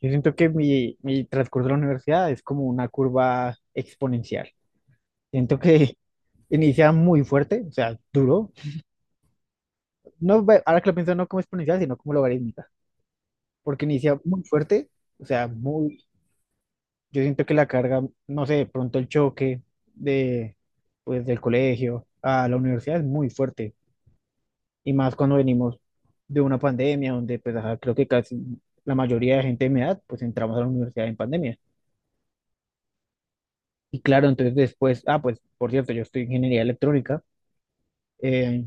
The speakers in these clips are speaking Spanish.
Yo siento que mi transcurso de la universidad es como una curva exponencial. Siento que inicia muy fuerte, o sea, duro. No, ahora que lo pienso, no como exponencial, sino como logarítmica, porque inicia muy fuerte, o sea, muy. Yo siento que la carga, no sé, de pronto el choque de, pues, del colegio a la universidad es muy fuerte, y más cuando venimos de una pandemia, donde pues, ajá, creo que casi la mayoría de gente de mi edad, pues entramos a la universidad en pandemia. Y claro, entonces después, ah, pues por cierto, yo estoy en ingeniería electrónica. eh,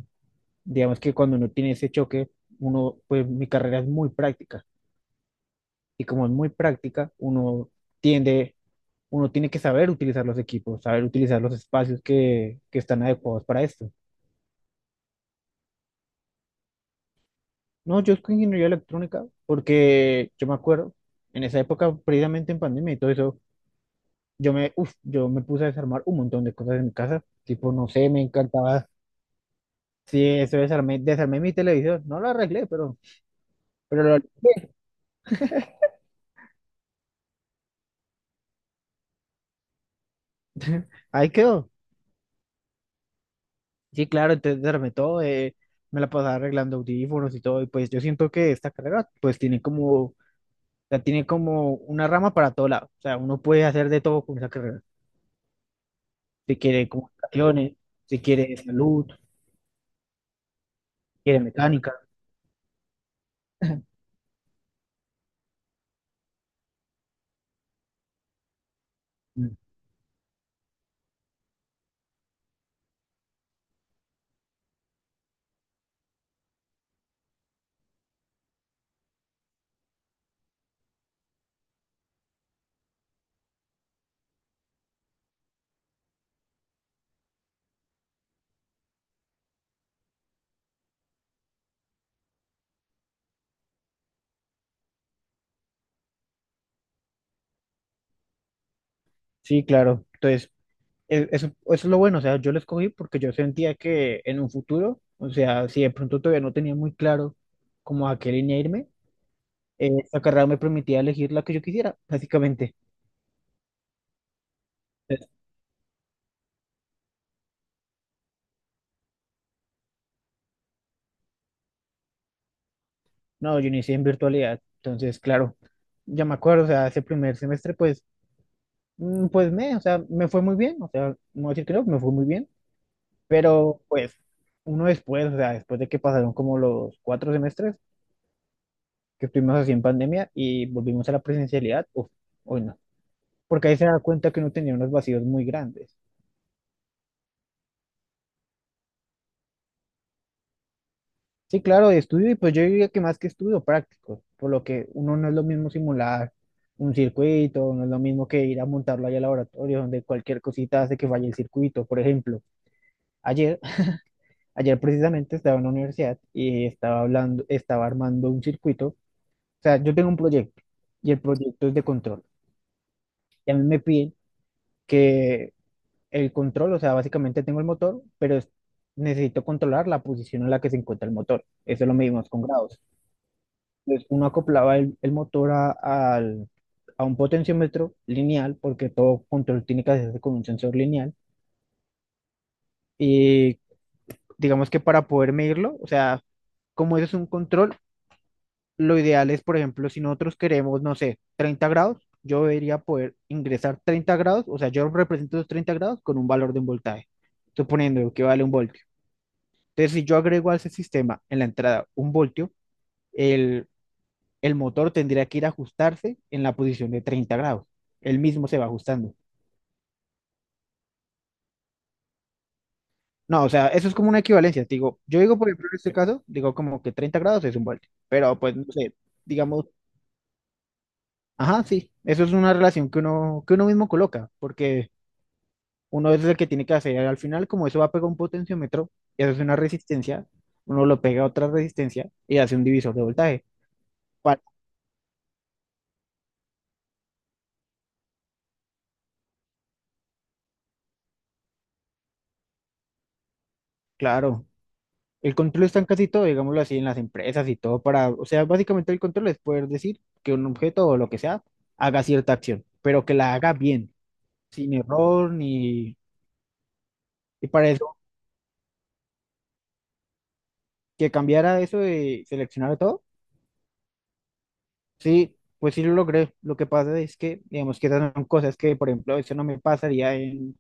digamos que cuando uno tiene ese choque, pues mi carrera es muy práctica. Y como es muy práctica, tiende, uno tiene que saber utilizar los equipos, saber utilizar los espacios que están adecuados para esto. No, yo estoy en ingeniería electrónica porque yo me acuerdo, en esa época, precisamente en pandemia y todo eso, yo me puse a desarmar un montón de cosas en mi casa. Tipo, no sé, me encantaba. Sí, eso desarmé mi televisión. No lo arreglé, pero lo arreglé. Ahí quedó. Sí, claro, entonces desarmé todo. Me la pasaba arreglando audífonos y todo. Y pues yo siento que esta carrera pues la tiene como una rama para todo lado. O sea, uno puede hacer de todo con esa carrera. Si quiere comunicaciones, si quiere salud, si quiere mecánica. Mm. Sí, claro. Entonces, eso es lo bueno. O sea, yo lo escogí porque yo sentía que en un futuro, o sea, si de pronto todavía no tenía muy claro como a qué línea irme, esta carrera me permitía elegir la que yo quisiera, básicamente. Entonces, no, yo inicié en virtualidad, entonces, claro, ya me acuerdo, o sea, ese primer semestre, pues, o sea, me fue muy bien, o sea, no voy a decir que no, me fue muy bien, pero pues uno después, o sea, después de que pasaron como los 4 semestres que estuvimos así en pandemia y volvimos a la presencialidad, uf, hoy no, porque ahí se da cuenta que uno tenía unos vacíos muy grandes. Sí, claro, de estudio, y pues yo diría que más que estudio, práctico, por lo que uno no es lo mismo simular un circuito, no es lo mismo que ir a montarlo allá al laboratorio, donde cualquier cosita hace que falle el circuito. Por ejemplo, ayer, ayer precisamente estaba en la universidad y estaba armando un circuito. O sea, yo tengo un proyecto y el proyecto es de control. Y a mí me piden que el control, o sea, básicamente tengo el motor, pero necesito controlar la posición en la que se encuentra el motor. Eso lo medimos con grados. Entonces, uno acoplaba el motor a un potenciómetro lineal, porque todo control tiene que hacerse con un sensor lineal. Y digamos que para poder medirlo, o sea, como eso es un control, lo ideal es, por ejemplo, si nosotros queremos, no sé, 30 grados, yo debería poder ingresar 30 grados, o sea, yo represento los 30 grados con un valor de un voltaje, suponiendo que vale un voltio. Entonces, si yo agrego a ese sistema en la entrada un voltio, el motor tendría que ir a ajustarse en la posición de 30 grados. Él mismo se va ajustando. No, o sea, eso es como una equivalencia. Te digo, yo digo, por ejemplo, en este caso, digo como que 30 grados es un voltio, pero pues no sé, digamos, ajá, sí, eso es una relación que uno mismo coloca, porque uno es el que tiene que hacer al final, como eso va a pegar un potenciómetro y hace una resistencia, uno lo pega a otra resistencia y hace un divisor de voltaje. Pa- Claro, el control está en casi todo, digámoslo así, en las empresas y todo para, o sea, básicamente el control es poder decir que un objeto o lo que sea haga cierta acción, pero que la haga bien, sin error ni. Y para eso, que cambiara eso de seleccionar todo, sí, pues sí lo logré. Lo que pasa es que, digamos que esas son cosas que, por ejemplo, eso no me pasaría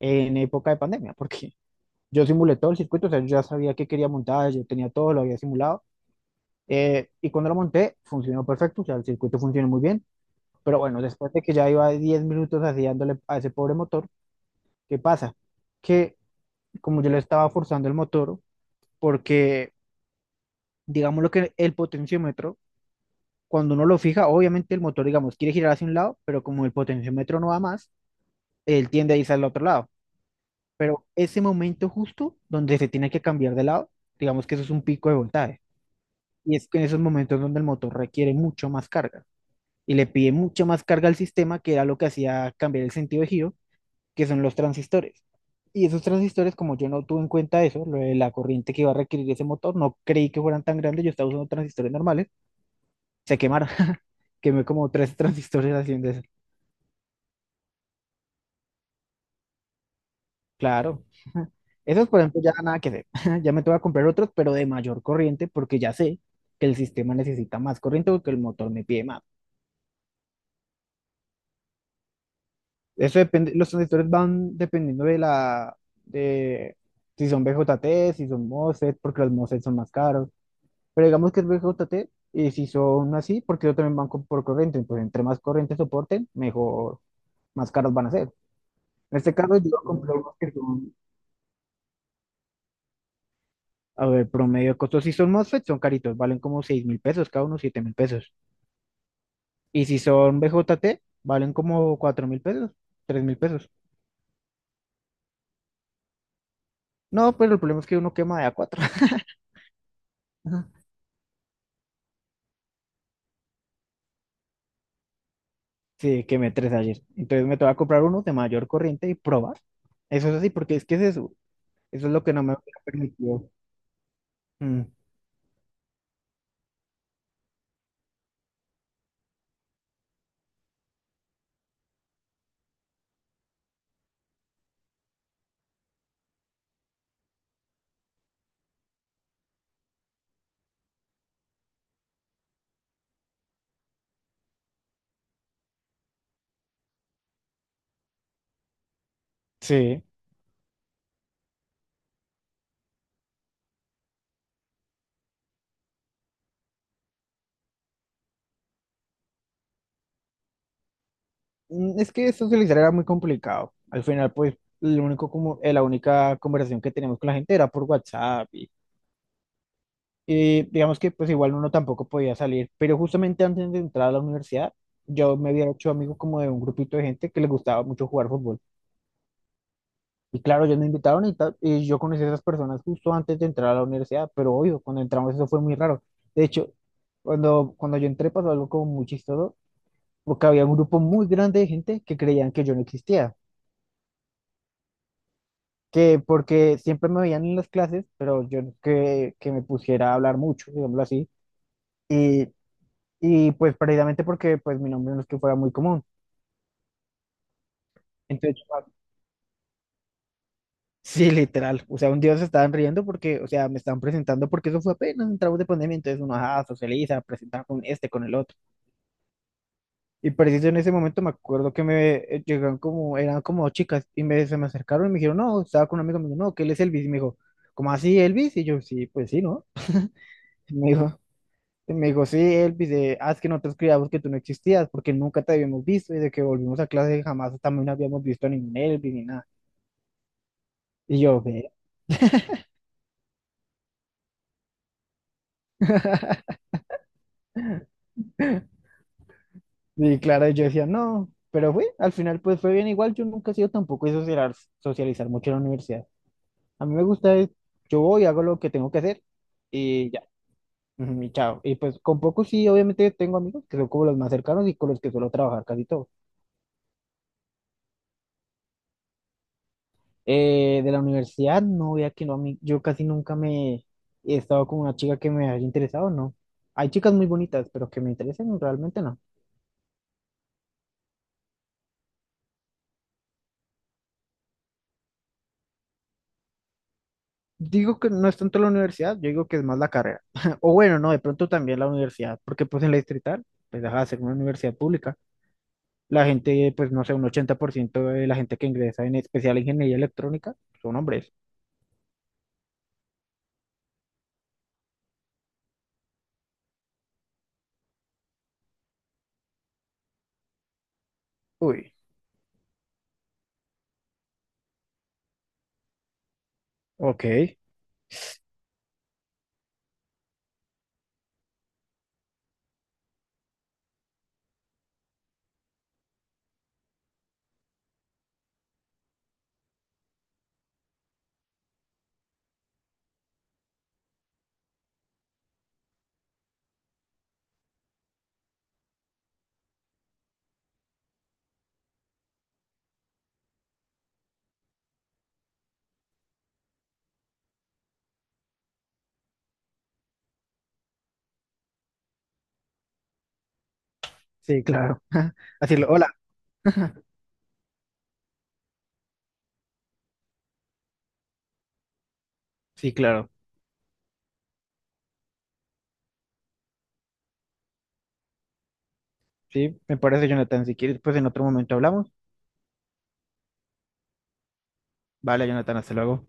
en época de pandemia, porque yo simulé todo el circuito, o sea, yo ya sabía que quería montar, yo tenía todo, lo había simulado, y cuando lo monté, funcionó perfecto, o sea, el circuito funcionó muy bien. Pero bueno, después de que ya iba 10 minutos así dándole a ese pobre motor, ¿qué pasa? Que como yo le estaba forzando el motor, porque digamos lo que el potenciómetro, cuando uno lo fija, obviamente el motor, digamos, quiere girar hacia un lado, pero como el potenciómetro no va más, él tiende a irse al otro lado. Pero ese momento justo donde se tiene que cambiar de lado, digamos que eso es un pico de voltaje. Y es que en esos momentos donde el motor requiere mucho más carga y le pide mucha más carga al sistema, que era lo que hacía cambiar el sentido de giro que son los transistores. Y esos transistores, como yo no tuve en cuenta eso, lo de la corriente que iba a requerir ese motor, no creí que fueran tan grandes, yo estaba usando transistores normales, se quemaron. Quemé como tres transistores haciendo eso. Claro. Esos, por ejemplo, ya nada que hacer. Ya me tengo que comprar otros, pero de mayor corriente, porque ya sé que el sistema necesita más corriente porque el motor me pide más. Eso depende, los transistores van dependiendo de la, de si son BJT, si son MOSFET, porque los MOSFET son más caros. Pero digamos que es BJT y si son así, porque yo también banco por corriente, pues entre más corriente soporten, mejor, más caros van a ser. En este caso yo compré unos que son, a ver, promedio de costos si son MOSFET son caritos, valen como 6000 pesos, cada uno 7000 pesos. Y si son BJT, valen como 4000 pesos, 3000 pesos. No, pero el problema es que uno quema de a cuatro. Sí, quemé tres ayer. Entonces me toca comprar uno de mayor corriente y probar. Eso es así, porque es que es eso. Eso es lo que no me hubiera permitido. Mm, sí. Es que socializar era muy complicado. Al final, pues, la única conversación que teníamos con la gente era por WhatsApp y digamos que pues igual uno tampoco podía salir. Pero justamente antes de entrar a la universidad, yo me había hecho amigo como de un grupito de gente que les gustaba mucho jugar fútbol. Y claro, ellos me invitaron y, tal, y yo conocí a esas personas justo antes de entrar a la universidad, pero obvio, cuando entramos eso fue muy raro. De hecho, cuando yo entré pasó algo como muy chistoso, porque había un grupo muy grande de gente que creían que yo no existía. Que porque siempre me veían en las clases, pero yo no es que me pusiera a hablar mucho, digámoslo así, y, y pues precisamente porque pues mi nombre no es que fuera muy común. Entonces, sí, literal, o sea, un día se estaban riendo porque, o sea, me estaban presentando porque eso fue apenas entramos de pandemia, entonces uno, ajá, socializa, presenta con este, con el otro. Y preciso en ese momento me acuerdo que me llegaron como, eran como dos chicas se me acercaron y me dijeron, no, estaba con un amigo, me dijo, no, que él es Elvis, y me dijo, ¿cómo así Elvis? Y yo, sí, pues sí, ¿no? Me dijo, Y me dijo, sí, Elvis, ah, es que nosotros creíamos que tú no existías porque nunca te habíamos visto y de que volvimos a clase jamás también habíamos visto a ningún Elvis ni nada. Y yo, ve, y claro, yo decía, no, pero fue, al final pues fue bien igual, yo nunca he sido tampoco de socializar, socializar mucho en la universidad. A mí me gusta es, yo voy, hago lo que tengo que hacer y ya, ujú, y chao. Y pues con pocos sí, obviamente tengo amigos que son como los más cercanos y con los que suelo trabajar casi todo. De la universidad, no, vea que no, a mí, yo casi nunca me he estado con una chica que me haya interesado, no. Hay chicas muy bonitas, pero que me interesen realmente no. Digo que no es tanto la universidad, yo digo que es más la carrera. O bueno, no, de pronto también la universidad, porque pues en la Distrital, pues deja de ser una universidad pública. La gente, pues no sé, un 80% de la gente que ingresa en especial ingeniería electrónica son hombres. Uy, ok, sí, claro. Así lo, hola, sí, claro. Sí, me parece, Jonathan, si quieres, pues en otro momento hablamos. Vale, Jonathan, hasta luego.